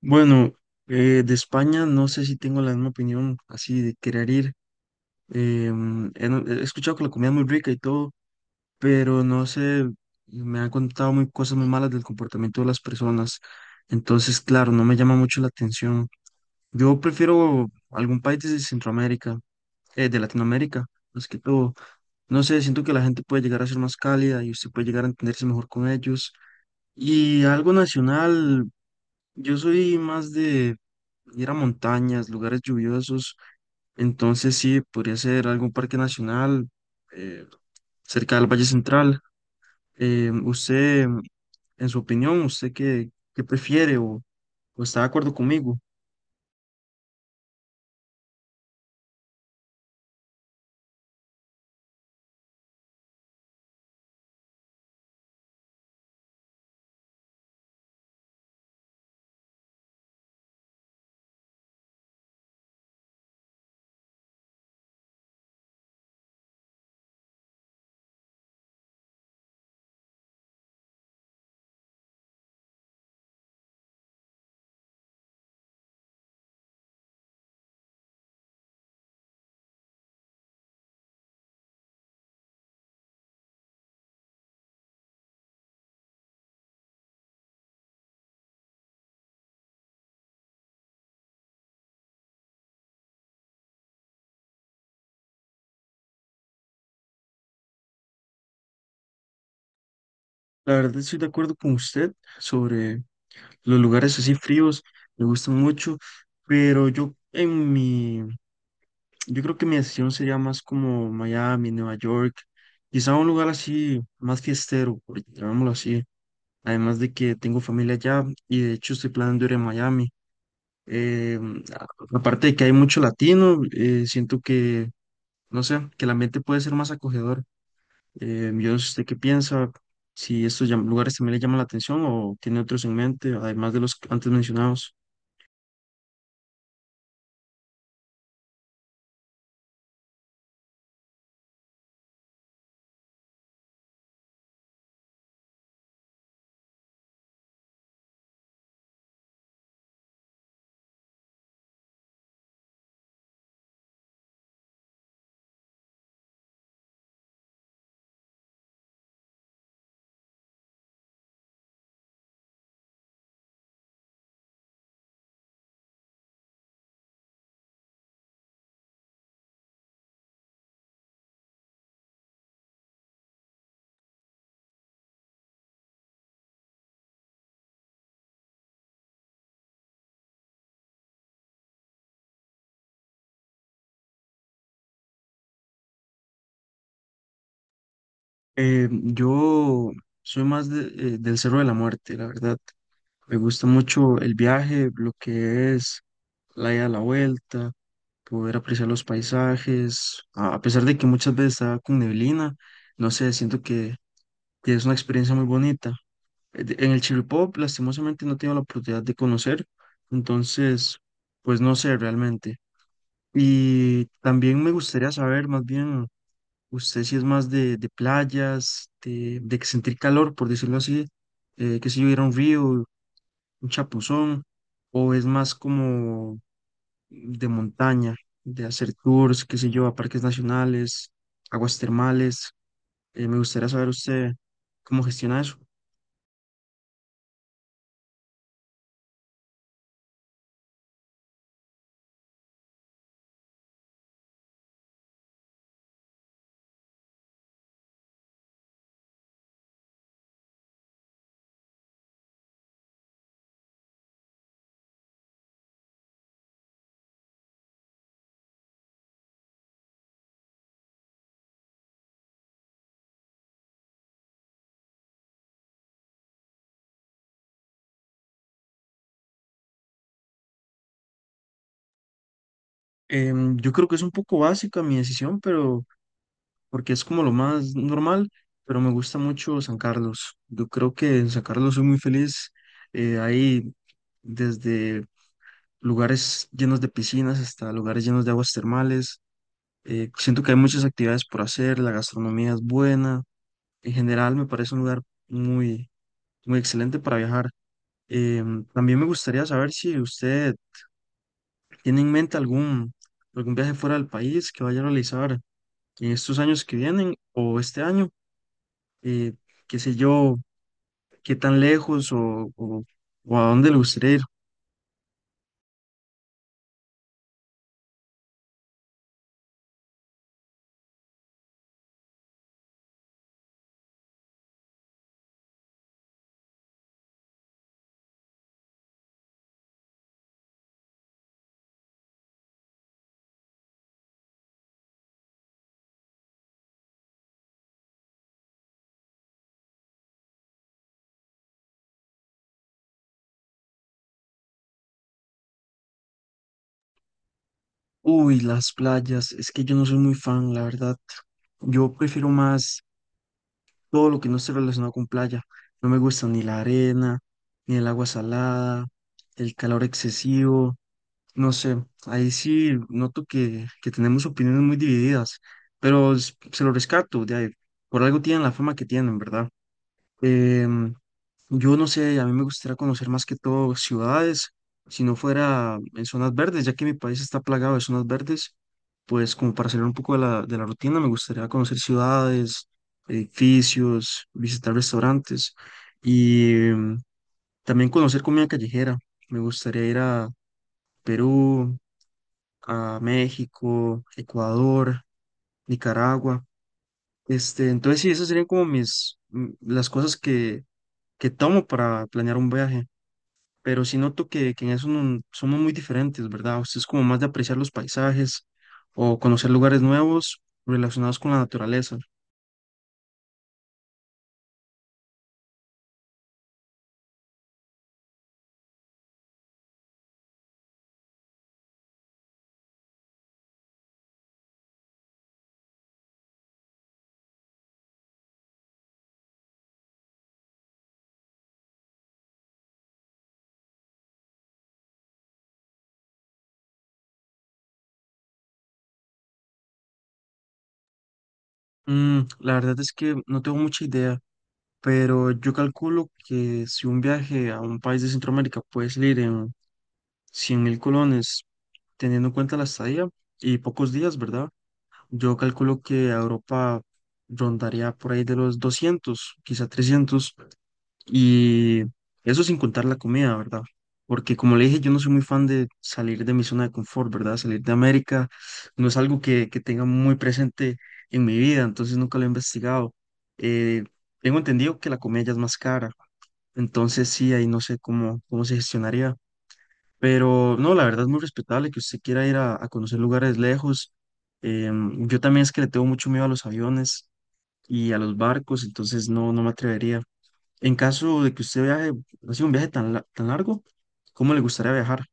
Bueno, de España no sé si tengo la misma opinión así de querer ir. Em, he, no- He escuchado que la comida es muy rica y todo, pero no sé, me han contado cosas muy malas del comportamiento de las personas. Entonces, claro, no me llama mucho la atención. Yo prefiero algún país de Centroamérica, de Latinoamérica, más que todo. No sé, siento que la gente puede llegar a ser más cálida y usted puede llegar a entenderse mejor con ellos. Y algo nacional. Yo soy más de ir a montañas, lugares lluviosos, entonces sí, podría ser algún parque nacional eh, cerca del Valle Central. Eh, usted, en su opinión, ¿usted qué prefiere o está de acuerdo conmigo? La verdad estoy de acuerdo con usted sobre los lugares así fríos, me gustan mucho, pero yo creo que mi decisión sería más como Miami, Nueva York, quizá un lugar así más fiestero, por llamémoslo así. Además de que tengo familia allá y de hecho estoy planeando ir a Miami. Eh, a- Aparte de que hay mucho latino, siento que, no sé, que el ambiente puede ser más acogedor. Yo no sé usted qué piensa, si estos lugares también le llaman la atención o tiene otros en mente, además de los antes mencionados. Yo soy más de- del Cerro de la Muerte, la verdad. Me gusta mucho el viaje, lo que es la ida a la vuelta poder apreciar los paisajes, a pesar de que muchas veces está con neblina, no sé, que es una experiencia muy bonita. En el Chirripó, lastimosamente, no tengo la oportunidad de conocer, entonces, pues no sé realmente. Y también me gustaría saber, más bien, usted si es más de playas, de que sentir calor, por decirlo así, que si hubiera un río, un chapuzón, o es más como de montaña, de hacer tours, qué sé yo, a parques nacionales, aguas termales. Me gustaría saber usted cómo gestiona eso. Yo creo que es un poco básica mi decisión, pero porque es como lo más normal, pero me gusta mucho San Carlos. Yo creo que en San Carlos soy muy feliz. Hay desde lugares llenos de piscinas hasta lugares llenos de aguas termales. Siento que hay muchas actividades por hacer, la gastronomía es buena. En general me parece un lugar muy, muy excelente para viajar. También me gustaría saber si usted tiene en mente algún viaje fuera del país que vaya a realizar en estos años que vienen o este año. Eh, Qué sé yo, qué tan lejos o a dónde le gustaría ir. Uy, las playas. Es que yo no soy muy fan, la verdad. Yo prefiero más todo lo que no esté relacionado con playa. No me gusta ni la arena, ni el agua salada, el calor excesivo. No sé, ahí sí noto que tenemos opiniones muy divididas, pero se lo rescato, de ahí, por algo tienen la fama que tienen, ¿verdad? Em, yo no sé, a mí me gustaría conocer más que todo ciudades, si no fuera en zonas verdes, ya que mi país está plagado de zonas verdes, pues como para salir un poco de de la rutina, me gustaría conocer ciudades, edificios, visitar restaurantes y también conocer comida callejera. Me gustaría ir a Perú a México, Ecuador, Nicaragua. Este, entonces sí, esas serían como las cosas que tomo para planear un viaje. Pero sí noto que en eso somos muy diferentes, ¿verdad? Usted es como más de apreciar los paisajes o conocer lugares nuevos relacionados con la naturaleza. La verdad es que no tengo mucha idea, pero yo calculo que si un viaje a un país de Centroamérica puede salir en 100.000 colones, teniendo en cuenta la estadía y pocos días, ¿verdad? Yo calculo que a Europa rondaría por ahí de los 200, quizá 300 y eso sin contar la comida, ¿verdad? Porque como le dije, yo no soy muy fan de salir de mi zona de confort, ¿verdad? Salir de América no es algo que tenga muy presente en mi vida, entonces nunca lo he investigado. Eh, Tengo entendido que la comida ya es más cara, entonces sí, ahí no sé cómo se gestionaría. Pero no, la verdad es muy respetable que usted quiera ir a conocer lugares lejos. Yo también es que le tengo mucho miedo a los aviones y a los barcos, entonces no, no me atrevería. En caso de que usted viaje, así un viaje tan largo, ¿cómo le gustaría viajar?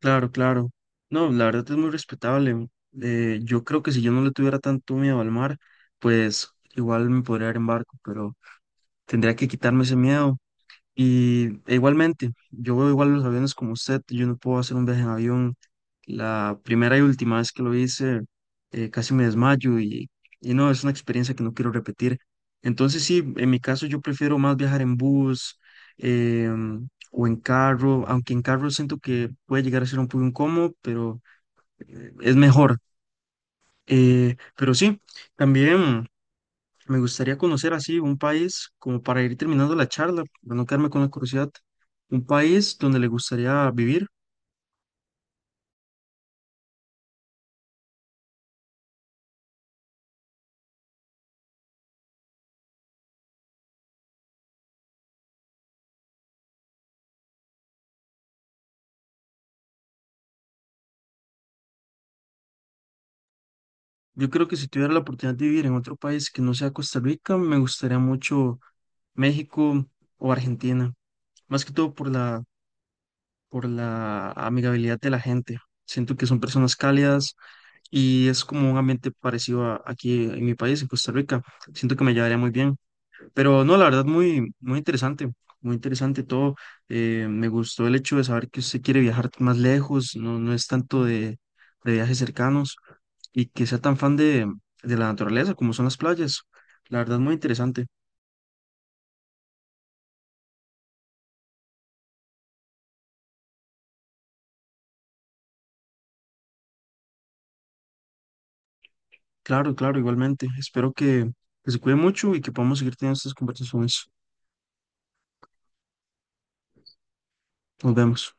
Claro, claro. No, la verdad es muy respetable. Yo creo que si yo no le tuviera tanto miedo al mar, pues igual me podría ir en barco, pero tendría que quitarme ese miedo. Y e igualmente, yo veo igual los aviones como usted, yo no puedo hacer un viaje en avión. La primera y última vez que lo hice, casi me desmayo y no, es una experiencia que no quiero repetir. Entonces sí, en mi caso yo prefiero más viajar en bus o en carro, aunque en carro siento que puede llegar a ser un poco incómodo, pero es mejor. Pero sí, también... Me gustaría conocer así un país, como para ir terminando la charla, para no quedarme con la curiosidad, un país donde le gustaría vivir. Yo creo que si tuviera la oportunidad de vivir en otro país que no sea Costa Rica, me gustaría mucho México o Argentina, más que todo por por la amigabilidad de la gente. Siento que son personas cálidas y es como un ambiente parecido a aquí en mi país, en Costa Rica. Siento que me llevaría muy bien. Pero no, la verdad, muy, muy interesante todo. Me gustó el hecho de saber que usted quiere viajar más lejos, no, no es tanto de viajes cercanos y que sea tan fan de la naturaleza como son las playas. La verdad, muy interesante. Claro, claro, igualmente. Espero que se cuide mucho y que podamos seguir teniendo estas conversaciones. Nos vemos.